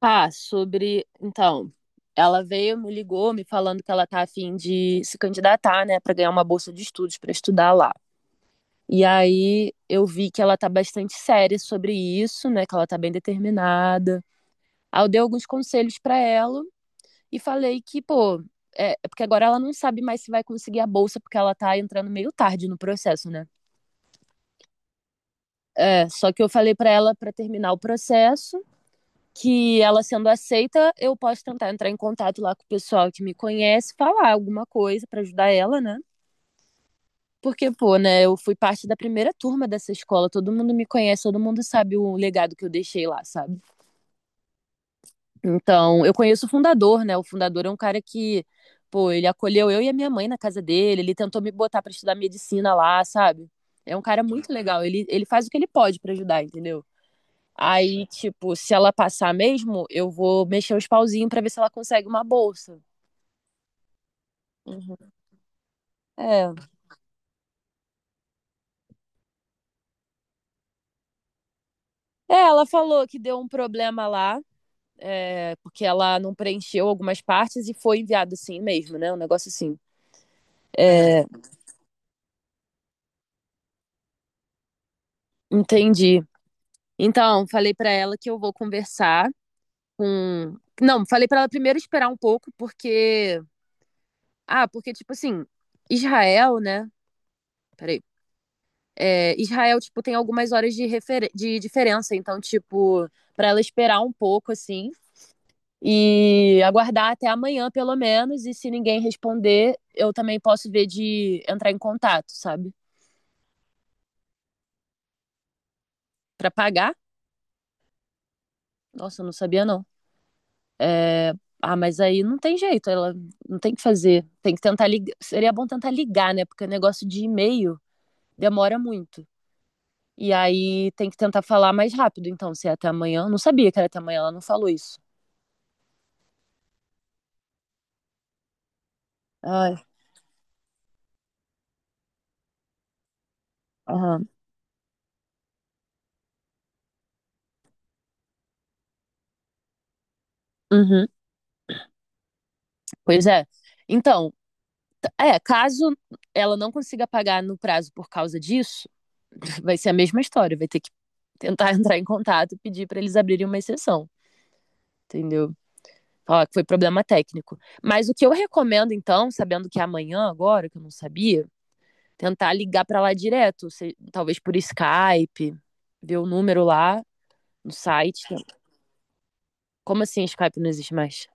Ah, sobre. Então, ela veio, me ligou, me falando que ela tá a fim de se candidatar, né, pra ganhar uma bolsa de estudos pra estudar lá. E aí eu vi que ela tá bastante séria sobre isso, né, que ela tá bem determinada. Aí eu dei alguns conselhos pra ela e falei que, pô, é porque agora ela não sabe mais se vai conseguir a bolsa porque ela tá entrando meio tarde no processo, né? É, só que eu falei pra ela pra terminar o processo que ela sendo aceita, eu posso tentar entrar em contato lá com o pessoal que me conhece, falar alguma coisa para ajudar ela, né? Porque, pô, né, eu fui parte da primeira turma dessa escola, todo mundo me conhece, todo mundo sabe o legado que eu deixei lá, sabe? Então, eu conheço o fundador, né? O fundador é um cara que, pô, ele acolheu eu e a minha mãe na casa dele, ele tentou me botar para estudar medicina lá, sabe? É um cara muito legal, ele faz o que ele pode para ajudar, entendeu? Aí, tipo, se ela passar mesmo, eu vou mexer os pauzinhos pra ver se ela consegue uma bolsa. Uhum. É. É, ela falou que deu um problema lá, é, porque ela não preencheu algumas partes e foi enviado assim mesmo, né? Um negócio assim. É, entendi. Então, falei pra ela que eu vou conversar com. Não, falei pra ela primeiro esperar um pouco, porque. Ah, porque, tipo assim, Israel, né? Peraí. É, Israel, tipo, tem algumas horas de, de diferença, então, tipo, para ela esperar um pouco, assim, e aguardar até amanhã, pelo menos, e se ninguém responder, eu também posso ver de entrar em contato, sabe? Para pagar. Nossa, eu não sabia, não. É, Ah, mas aí não tem jeito, ela não tem o que fazer. Tem que tentar ligar. Seria bom tentar ligar, né? Porque o negócio de e-mail demora muito. E aí tem que tentar falar mais rápido, então, se é até amanhã. Não sabia que era até amanhã, ela não falou isso. Ai, aham. Uhum, pois é. Então, é, caso ela não consiga pagar no prazo por causa disso, vai ser a mesma história. Vai ter que tentar entrar em contato e pedir para eles abrirem uma exceção, entendeu? Ó que foi problema técnico. Mas o que eu recomendo, então, sabendo que é amanhã agora, que eu não sabia, tentar ligar para lá direto, talvez por Skype, ver o número lá no site. Como assim Skype não existe mais?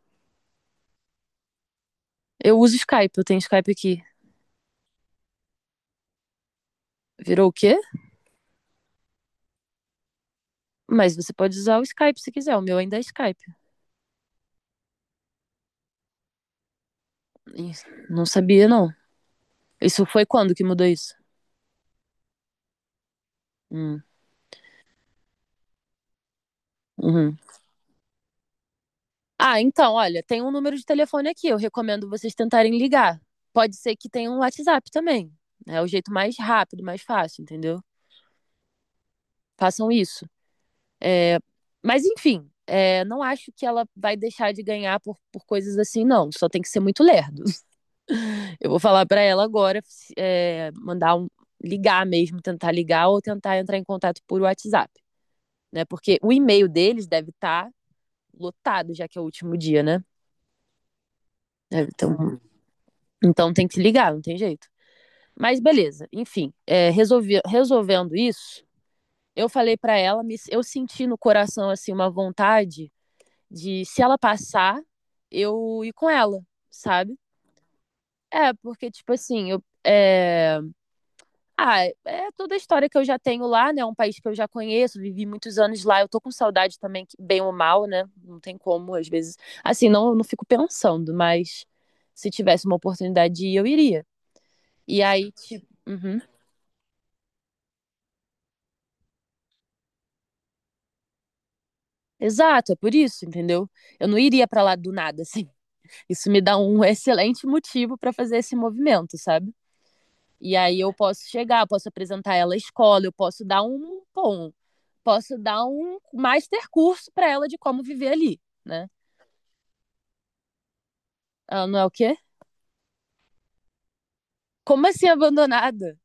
Eu uso Skype, eu tenho Skype aqui. Virou o quê? Mas você pode usar o Skype se quiser, o meu ainda é Skype. Não sabia, não. Isso foi quando que mudou isso? Hum, uhum. Ah, então, olha, tem um número de telefone aqui. Eu recomendo vocês tentarem ligar. Pode ser que tenha um WhatsApp também. É o jeito mais rápido, mais fácil, entendeu? Façam isso. É, mas, enfim, é, não acho que ela vai deixar de ganhar por coisas assim, não. Só tem que ser muito lerdo. Eu vou falar pra ela agora, é, mandar um, ligar mesmo, tentar ligar ou tentar entrar em contato por WhatsApp, né? Porque o e-mail deles deve estar lotado, já que é o último dia, né? É, Então, tem que se ligar, não tem jeito. Mas beleza, enfim, é, resolvendo isso, eu falei pra ela, eu senti no coração assim uma vontade de se ela passar, eu ir com ela, sabe? É, porque tipo assim, eu é, Ah, é toda a história que eu já tenho lá, né? É um país que eu já conheço, vivi muitos anos lá. Eu tô com saudade também, bem ou mal, né? Não tem como, às vezes. Assim, não, não fico pensando, mas se tivesse uma oportunidade de ir, eu iria. E aí, tipo. Uhum. Exato, é por isso, entendeu? Eu não iria pra lá do nada, assim. Isso me dá um excelente motivo pra fazer esse movimento, sabe? E aí eu posso chegar, posso apresentar ela à escola, eu posso dar um, bom, posso dar um master curso pra ela de como viver ali. Né? Ela não é o quê? Como assim abandonada?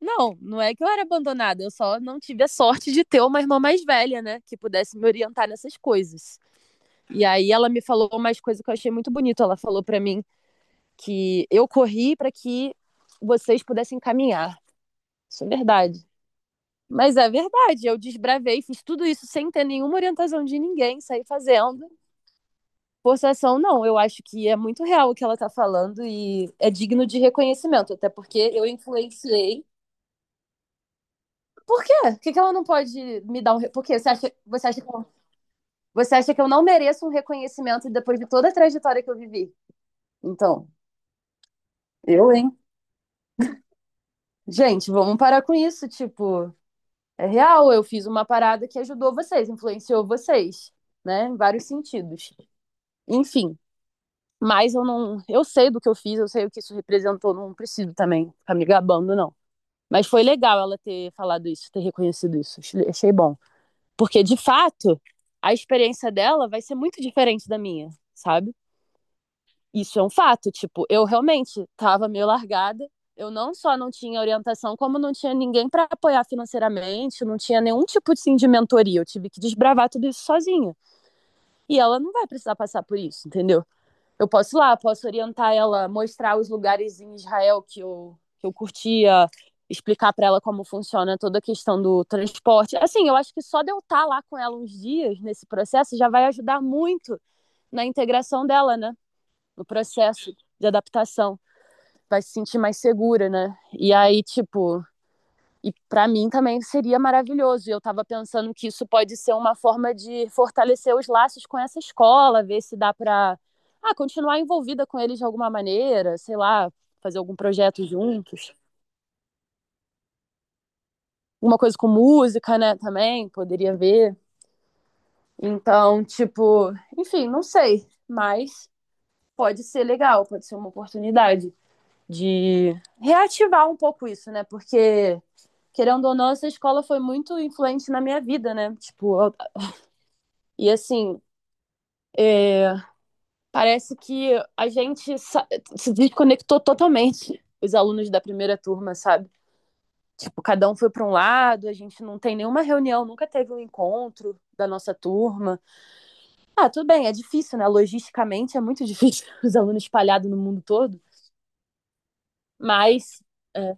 Não, não é que eu era abandonada, eu só não tive a sorte de ter uma irmã mais velha, né? Que pudesse me orientar nessas coisas. E aí ela me falou mais coisas que eu achei muito bonito. Ela falou para mim que eu corri para que vocês pudessem caminhar. Isso é verdade. Mas é verdade, eu desbravei, fiz tudo isso sem ter nenhuma orientação de ninguém, saí fazendo. Forçação, não, eu acho que é muito real o que ela tá falando e é digno de reconhecimento, até porque eu influenciei. Por quê? Por que, que ela não pode me dar um. Por quê? Você, acha que eu, você acha que eu não mereço um reconhecimento depois de toda a trajetória que eu vivi? Então, eu, hein? Gente, vamos parar com isso. Tipo, é real, eu fiz uma parada que ajudou vocês, influenciou vocês, né? Em vários sentidos. Enfim, mas eu não. Eu sei do que eu fiz, eu sei o que isso representou, não preciso também ficar me gabando, não. Mas foi legal ela ter falado isso, ter reconhecido isso. Achei bom. Porque, de fato, a experiência dela vai ser muito diferente da minha, sabe? Isso é um fato. Tipo, eu realmente tava meio largada. Eu não só não tinha orientação, como não tinha ninguém para apoiar financeiramente, não tinha nenhum tipo assim, de mentoria. Eu tive que desbravar tudo isso sozinha. E ela não vai precisar passar por isso, entendeu? Eu posso ir lá, posso orientar ela, mostrar os lugares em Israel que que eu curtia, explicar para ela como funciona toda a questão do transporte. Assim, eu acho que só de eu estar lá com ela uns dias nesse processo já vai ajudar muito na integração dela, né? No processo de adaptação. Vai se sentir mais segura, né? E aí, tipo, e para mim também seria maravilhoso. E eu estava pensando que isso pode ser uma forma de fortalecer os laços com essa escola, ver se dá para continuar envolvida com eles de alguma maneira, sei lá, fazer algum projeto juntos. Uma coisa com música, né, também, poderia ver. Então, tipo, enfim, não sei, mas pode ser legal, pode ser uma oportunidade de reativar um pouco isso, né? Porque querendo ou não, essa escola foi muito influente na minha vida, né? Tipo, e assim, é, parece que a gente se desconectou totalmente, os alunos da primeira turma, sabe? Tipo, cada um foi para um lado, a gente não tem nenhuma reunião, nunca teve um encontro da nossa turma. Ah, tudo bem, é difícil, né? Logisticamente é muito difícil os alunos espalhados no mundo todo, mas é,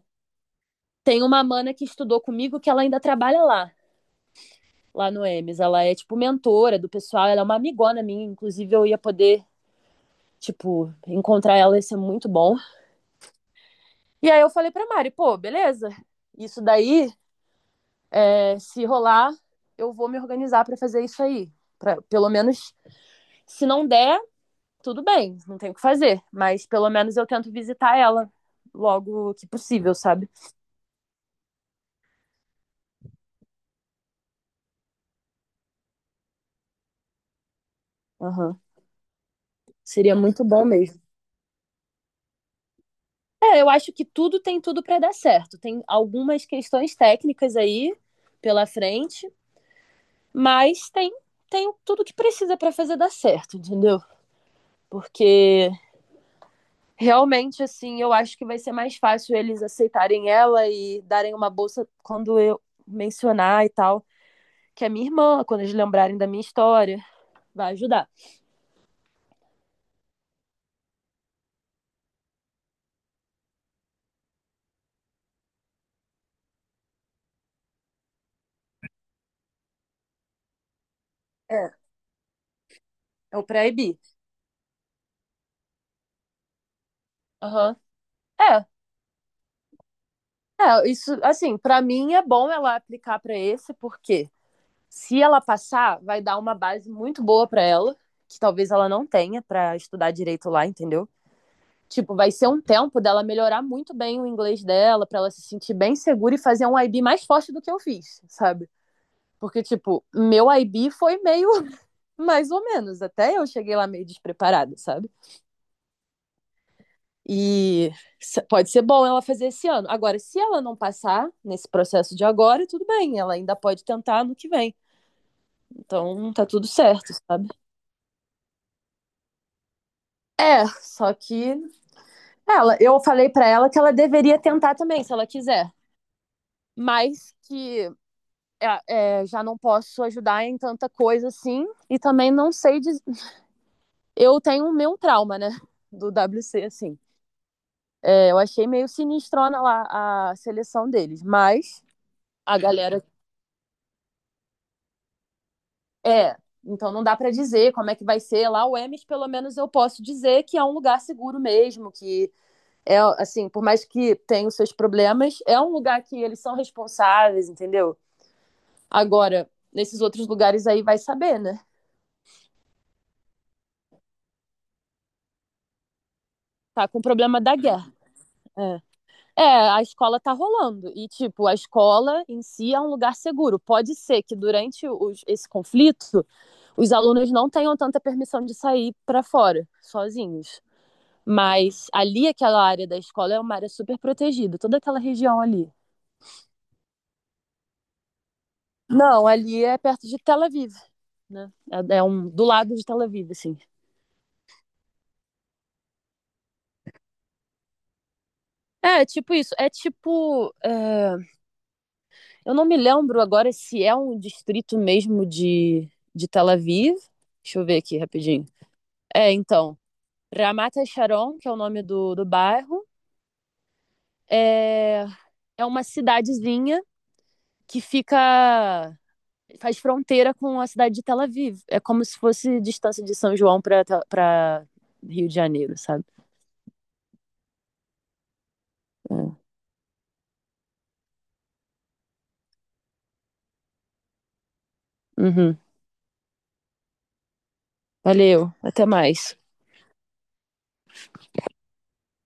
tem uma mana que estudou comigo que ela ainda trabalha lá, lá no EMES. Ela é, tipo, mentora do pessoal, ela é uma amigona minha, inclusive eu ia poder, tipo, encontrar ela, ia ser muito bom. E aí eu falei pra Mari, pô, beleza. Isso daí, é, se rolar, eu vou me organizar pra fazer isso aí. Pra, pelo menos, se não der, tudo bem, não tem o que fazer. Mas pelo menos eu tento visitar ela logo que possível, sabe? Aham. Seria muito bom mesmo. É, eu acho que tudo tem tudo pra dar certo. Tem algumas questões técnicas aí pela frente, mas tem, tem tudo que precisa pra fazer dar certo, entendeu? Porque realmente, assim, eu acho que vai ser mais fácil eles aceitarem ela e darem uma bolsa quando eu mencionar e tal, que é minha irmã, quando eles lembrarem da minha história, vai ajudar. É. É o pré-IB. Aham. É, é, isso, assim, pra mim é bom ela aplicar pra esse, porque se ela passar, vai dar uma base muito boa pra ela, que talvez ela não tenha pra estudar direito lá, entendeu? Tipo, vai ser um tempo dela melhorar muito bem o inglês dela, para ela se sentir bem segura e fazer um IB mais forte do que eu fiz, sabe? Porque, tipo, meu IB foi meio mais ou menos. Até eu cheguei lá meio despreparada, sabe? E pode ser bom ela fazer esse ano. Agora, se ela não passar nesse processo de agora, tudo bem, ela ainda pode tentar no que vem. Então, tá tudo certo, sabe? É, só que ela, eu falei para ela que ela deveria tentar também, se ela quiser, mas que é, é, já não posso ajudar em tanta coisa assim. E também não sei. Diz... Eu tenho o meu trauma, né? Do WC, assim. É, eu achei meio sinistrona lá a seleção deles, mas a galera. É, então não dá para dizer como é que vai ser lá o Emes, pelo menos eu posso dizer que é um lugar seguro mesmo, que é assim, por mais que tenha os seus problemas, é um lugar que eles são responsáveis, entendeu? Agora, nesses outros lugares aí vai saber, né? Tá com o problema da guerra. É. É, a escola tá rolando. E, tipo, a escola em si é um lugar seguro. Pode ser que durante esse conflito, os alunos não tenham tanta permissão de sair pra fora, sozinhos. Mas ali, aquela área da escola é uma área super protegida, toda aquela região ali. Não, ali é perto de Tel Aviv, né? É, é um, do lado de Tel Aviv, assim. É, tipo isso. É tipo. É, eu não me lembro agora se é um distrito mesmo de Tel Aviv. Deixa eu ver aqui rapidinho. É, então, Ramat Sharon, que é o nome do bairro, é, é uma cidadezinha que fica faz fronteira com a cidade de Tel Aviv. É como se fosse distância de São João para Rio de Janeiro, sabe? É. Uhum. Valeu, até mais.